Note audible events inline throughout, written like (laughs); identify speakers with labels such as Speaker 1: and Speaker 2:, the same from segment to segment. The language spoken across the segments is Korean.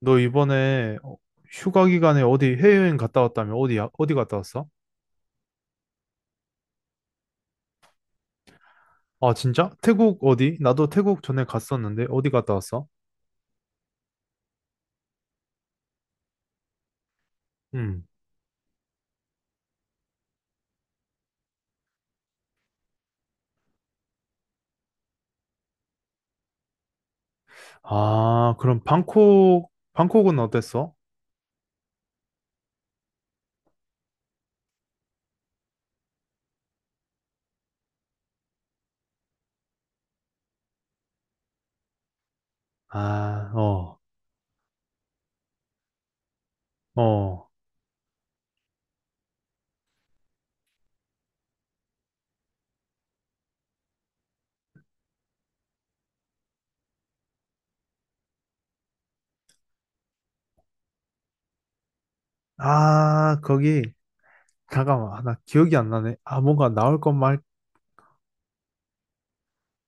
Speaker 1: 너 이번에 휴가 기간에 어디 해외여행 갔다 왔다며? 어디야? 어디 갔다 왔어? 아, 진짜? 태국 어디? 나도 태국 전에 갔었는데 어디 갔다 왔어? 음. 아, 그럼 방콕, 방콕은 어땠어? 아, 어, 어. 아, 거기, 잠깐만. 아, 나 기억이 안 나네. 아, 뭔가 나올 것 말,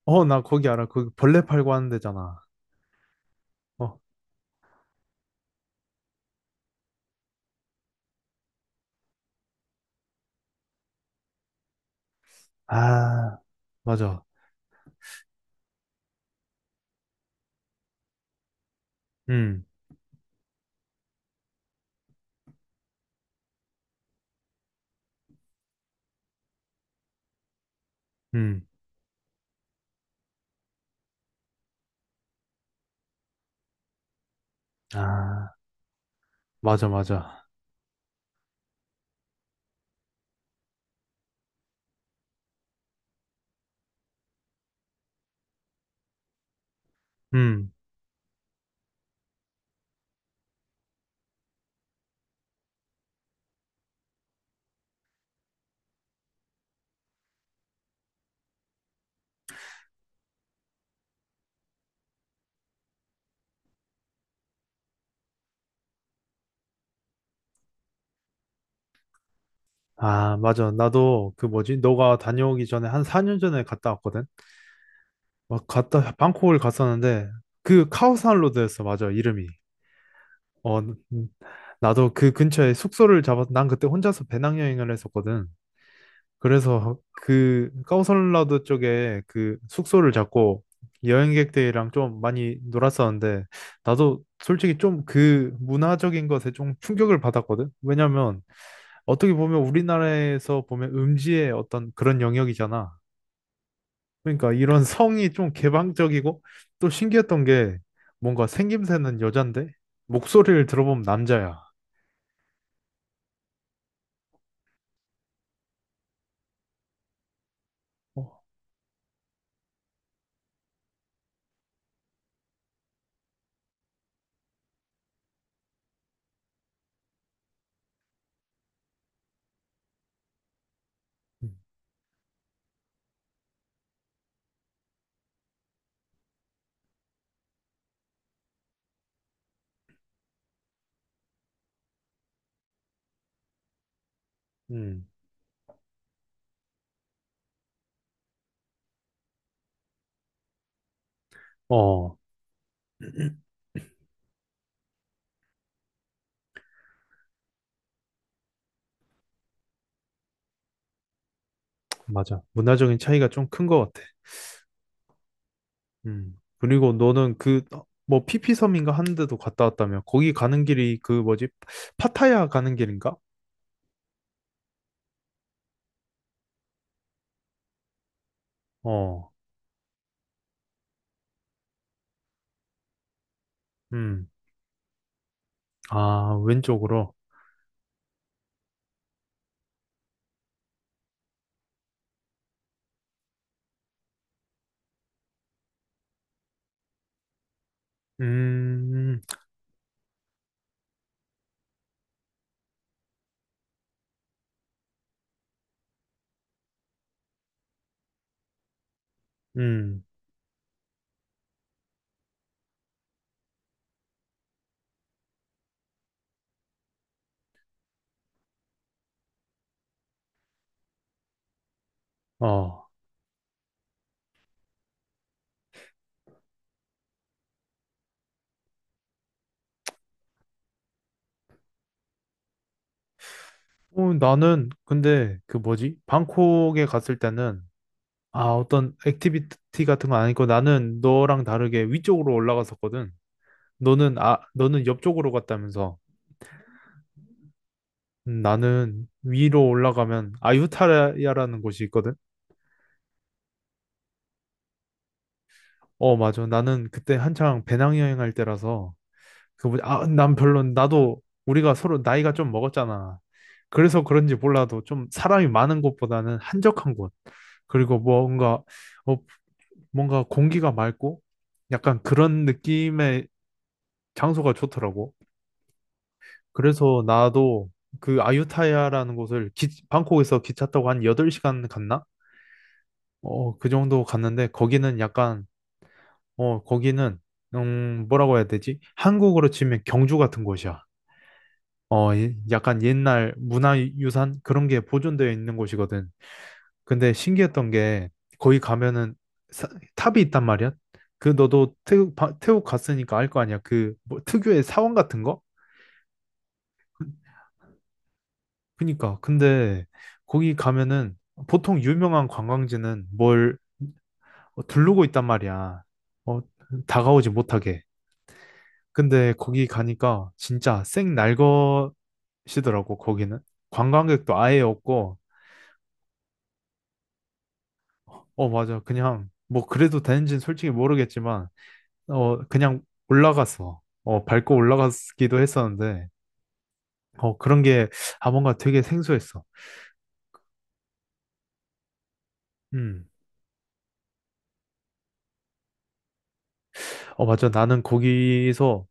Speaker 1: 어, 나 거기 알아. 거기 벌레 팔고 하는 데잖아. 어, 아, 맞아. 음, 음. 아, 맞아, 맞아. 음. 아, 맞아. 나도 그 뭐지? 너가 다녀오기 전에 한 4년 전에 갔다 왔거든. 막 갔다 방콕을 갔었는데 그 카오산 로드였어. 맞아. 이름이. 어, 나도 그 근처에 숙소를 잡아서 난 그때 혼자서 배낭여행을 했었거든. 그래서 그 카오산 로드 쪽에 그 숙소를 잡고 여행객들이랑 좀 많이 놀았었는데 나도 솔직히 좀 그 문화적인 것에 좀 충격을 받았거든. 왜냐면 어떻게 보면 우리나라에서 보면 음지의 어떤 그런 영역이잖아. 그러니까 이런 성이 좀 개방적이고 또 신기했던 게 뭔가 생김새는 여잔데 목소리를 들어보면 남자야. 어, 음, 음. 어, (clears throat) 맞아. 문화적인 차이가 좀 큰 것 같아. 음. 그리고 너는 그 뭐 피피섬인가 하는 데도 갔다 왔다며. 거기 가는 길이 그 뭐지? 파타야 가는 길인가? 어. 음. 아, 왼쪽으로. 음. 음. 어. 어, 나는 근데 그 뭐지? 방콕에 갔을 때는 아, 어떤 액티비티 같은 건 아니고 나는 너랑 다르게 위쪽으로 올라갔었거든. 너는 아, 너는 옆쪽으로 갔다면서. 나는 위로 올라가면 아유타야라는 곳이 있거든. 어, 맞아. 나는 그때 한창 배낭여행 할 때라서 그 뭐지? 아, 난 별로 나도 우리가 서로 나이가 좀 먹었잖아. 그래서 그런지 몰라도 좀 사람이 많은 곳보다는 한적한 곳. 그리고 뭔가 어, 뭔가 공기가 맑고 약간 그런 느낌의 장소가 좋더라고. 그래서 나도 그 아유타야라는 곳을 기, 방콕에서 기차 타고 한 8시간 갔나? 어, 그 정도 갔는데 거기는 약간 어, 거기는 뭐라고 해야 되지? 한국으로 치면 경주 같은 곳이야. 어, 예- 약간 옛날 문화유산 그런 게 보존되어 있는 곳이거든. 근데 신기했던 게 거기 가면은 사- 탑이 있단 말이야. 그 너도 태국, 바- 태국 갔으니까 알 거 아니야. 그뭐 특유의 사원 같은 거? 그니까 근데 거기 가면은 보통 유명한 관광지는 뭘 두르고 있단 말이야. 어, 다가오지 못하게. 근데 거기 가니까 진짜 생 날것이더라고 거기는. 관광객도 아예 없고 어 맞아 그냥 뭐 그래도 되는지는 솔직히 모르겠지만 어 그냥 올라가서 어 밟고 올라갔기도 했었는데 어 그런 게 아 뭔가 되게 생소했어. 음. 어 맞아 나는 거기서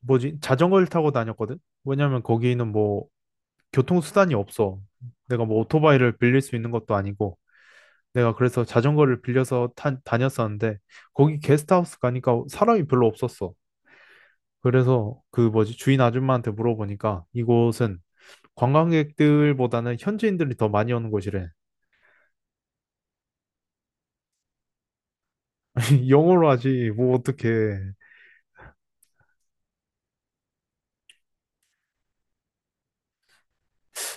Speaker 1: 뭐지? 자전거를 타고 다녔거든? 왜냐면 거기는 뭐 교통수단이 없어. 내가 뭐 오토바이를 빌릴 수 있는 것도 아니고. 내가 그래서 자전거를 빌려서 탄, 다녔었는데 거기 게스트하우스 가니까 사람이 별로 없었어. 그래서 그 뭐지? 주인 아줌마한테 물어보니까 이곳은 관광객들보다는 현지인들이 더 많이 오는 곳이래. (laughs) 영어로 하지. 뭐 어떡해.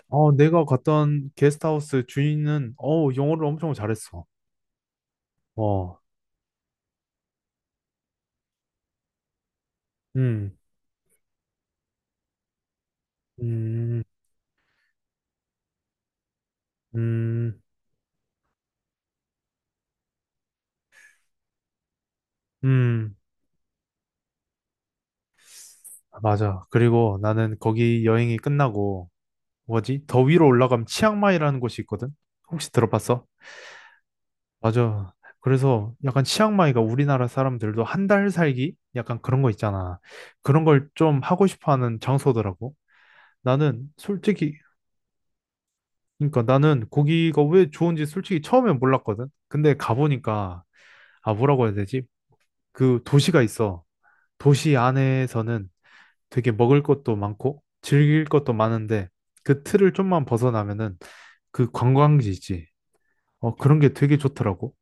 Speaker 1: 어, 내가 갔던 게스트하우스 주인은 영어를 엄청 잘했어. 어. 음. 음. 음. 음, 맞아. 그리고 나는 거기 여행이 끝나고, 뭐지? 더 위로 올라가면 치앙마이라는 곳이 있거든? 혹시 들어봤어? 맞아. 그래서 약간 치앙마이가 우리나라 사람들도 한 달 살기? 약간 그런 거 있잖아. 그런 걸 좀 하고 싶어 하는 장소더라고. 나는 솔직히, 그러니까 나는 거기가 왜 좋은지 솔직히 처음엔 몰랐거든? 근데 가보니까, 아, 뭐라고 해야 되지? 그 도시가 있어. 도시 안에서는 되게 먹을 것도 많고 즐길 것도 많은데 그 틀을 좀만 벗어나면은 그 관광지 있지. 어, 그런 게 되게 좋더라고.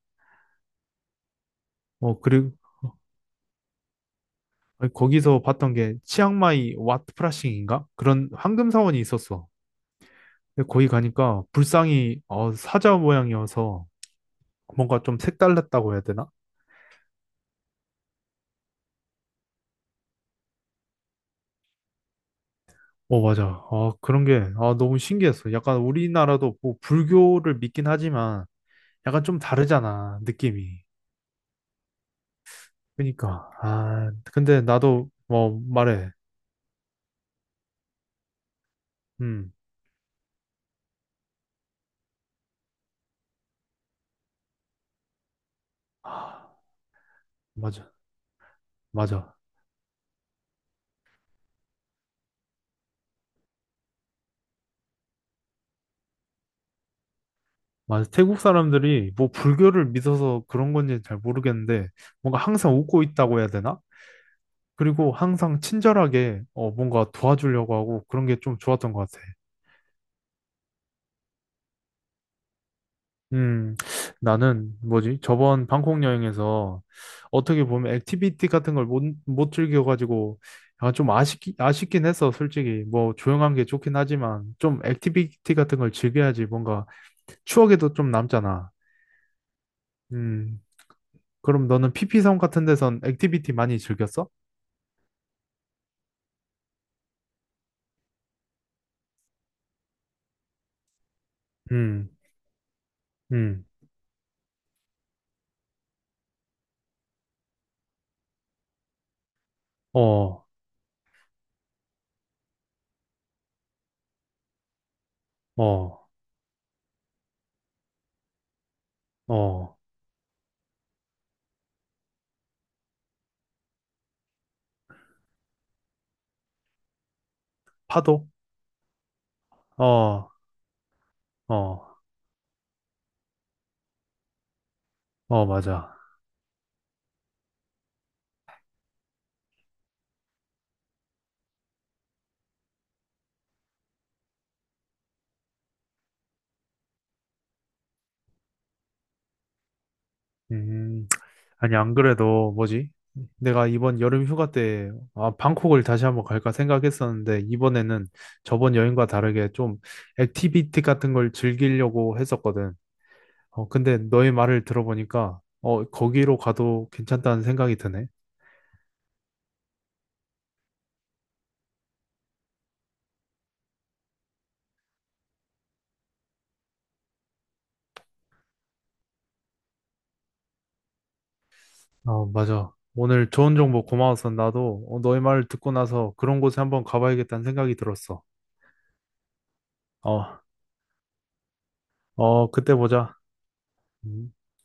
Speaker 1: 어, 그리고 거기서 봤던 게 치앙마이 왓 프라싱인가? 그런 황금 사원이 있었어. 근데 거기 가니까 불상이 사자 모양이어서 뭔가 좀 색달랐다고 해야 되나? 어, 맞아. 아, 그런 게 아, 너무 신기했어. 약간 우리나라도 뭐 불교를 믿긴 하지만 약간 좀 다르잖아, 느낌이. 그니까 아 근데 나도 뭐 말해 음 아, 맞아 맞아 맞아 태국 사람들이 뭐 불교를 믿어서 그런 건지 잘 모르겠는데 뭔가 항상 웃고 있다고 해야 되나? 그리고 항상 친절하게 어 뭔가 도와주려고 하고 그런 게 좀 좋았던 것 같아. 음, 나는 뭐지? 저번 방콕 여행에서 어떻게 보면 액티비티 같은 걸 못 즐겨가지고 약간 좀 아쉽기, 아쉽긴 했어, 솔직히. 뭐 조용한 게 좋긴 하지만 좀 액티비티 같은 걸 즐겨야지 뭔가 추억에도 좀 남잖아. 음, 그럼 너는 피피섬 같은 데선 액티비티 많이 즐겼어? 음, 음, 어, 어, 어, 파도? 어, 어, 어, 맞아. 음. 아니, 안 그래도 뭐지? 내가 이번 여름 휴가 때 아, 방콕을 다시 한번 갈까 생각했었는데 이번에는 저번 여행과 다르게 좀 액티비티 같은 걸 즐기려고 했었거든. 어, 근데 너의 말을 들어보니까 어, 거기로 가도 괜찮다는 생각이 드네. 어, 맞아. 오늘 좋은 정보 고마웠어. 나도 너의 말을 듣고 나서 그런 곳에 한번 가봐야겠다는 생각이 들었어. 어, 어, 그때 보자. 음.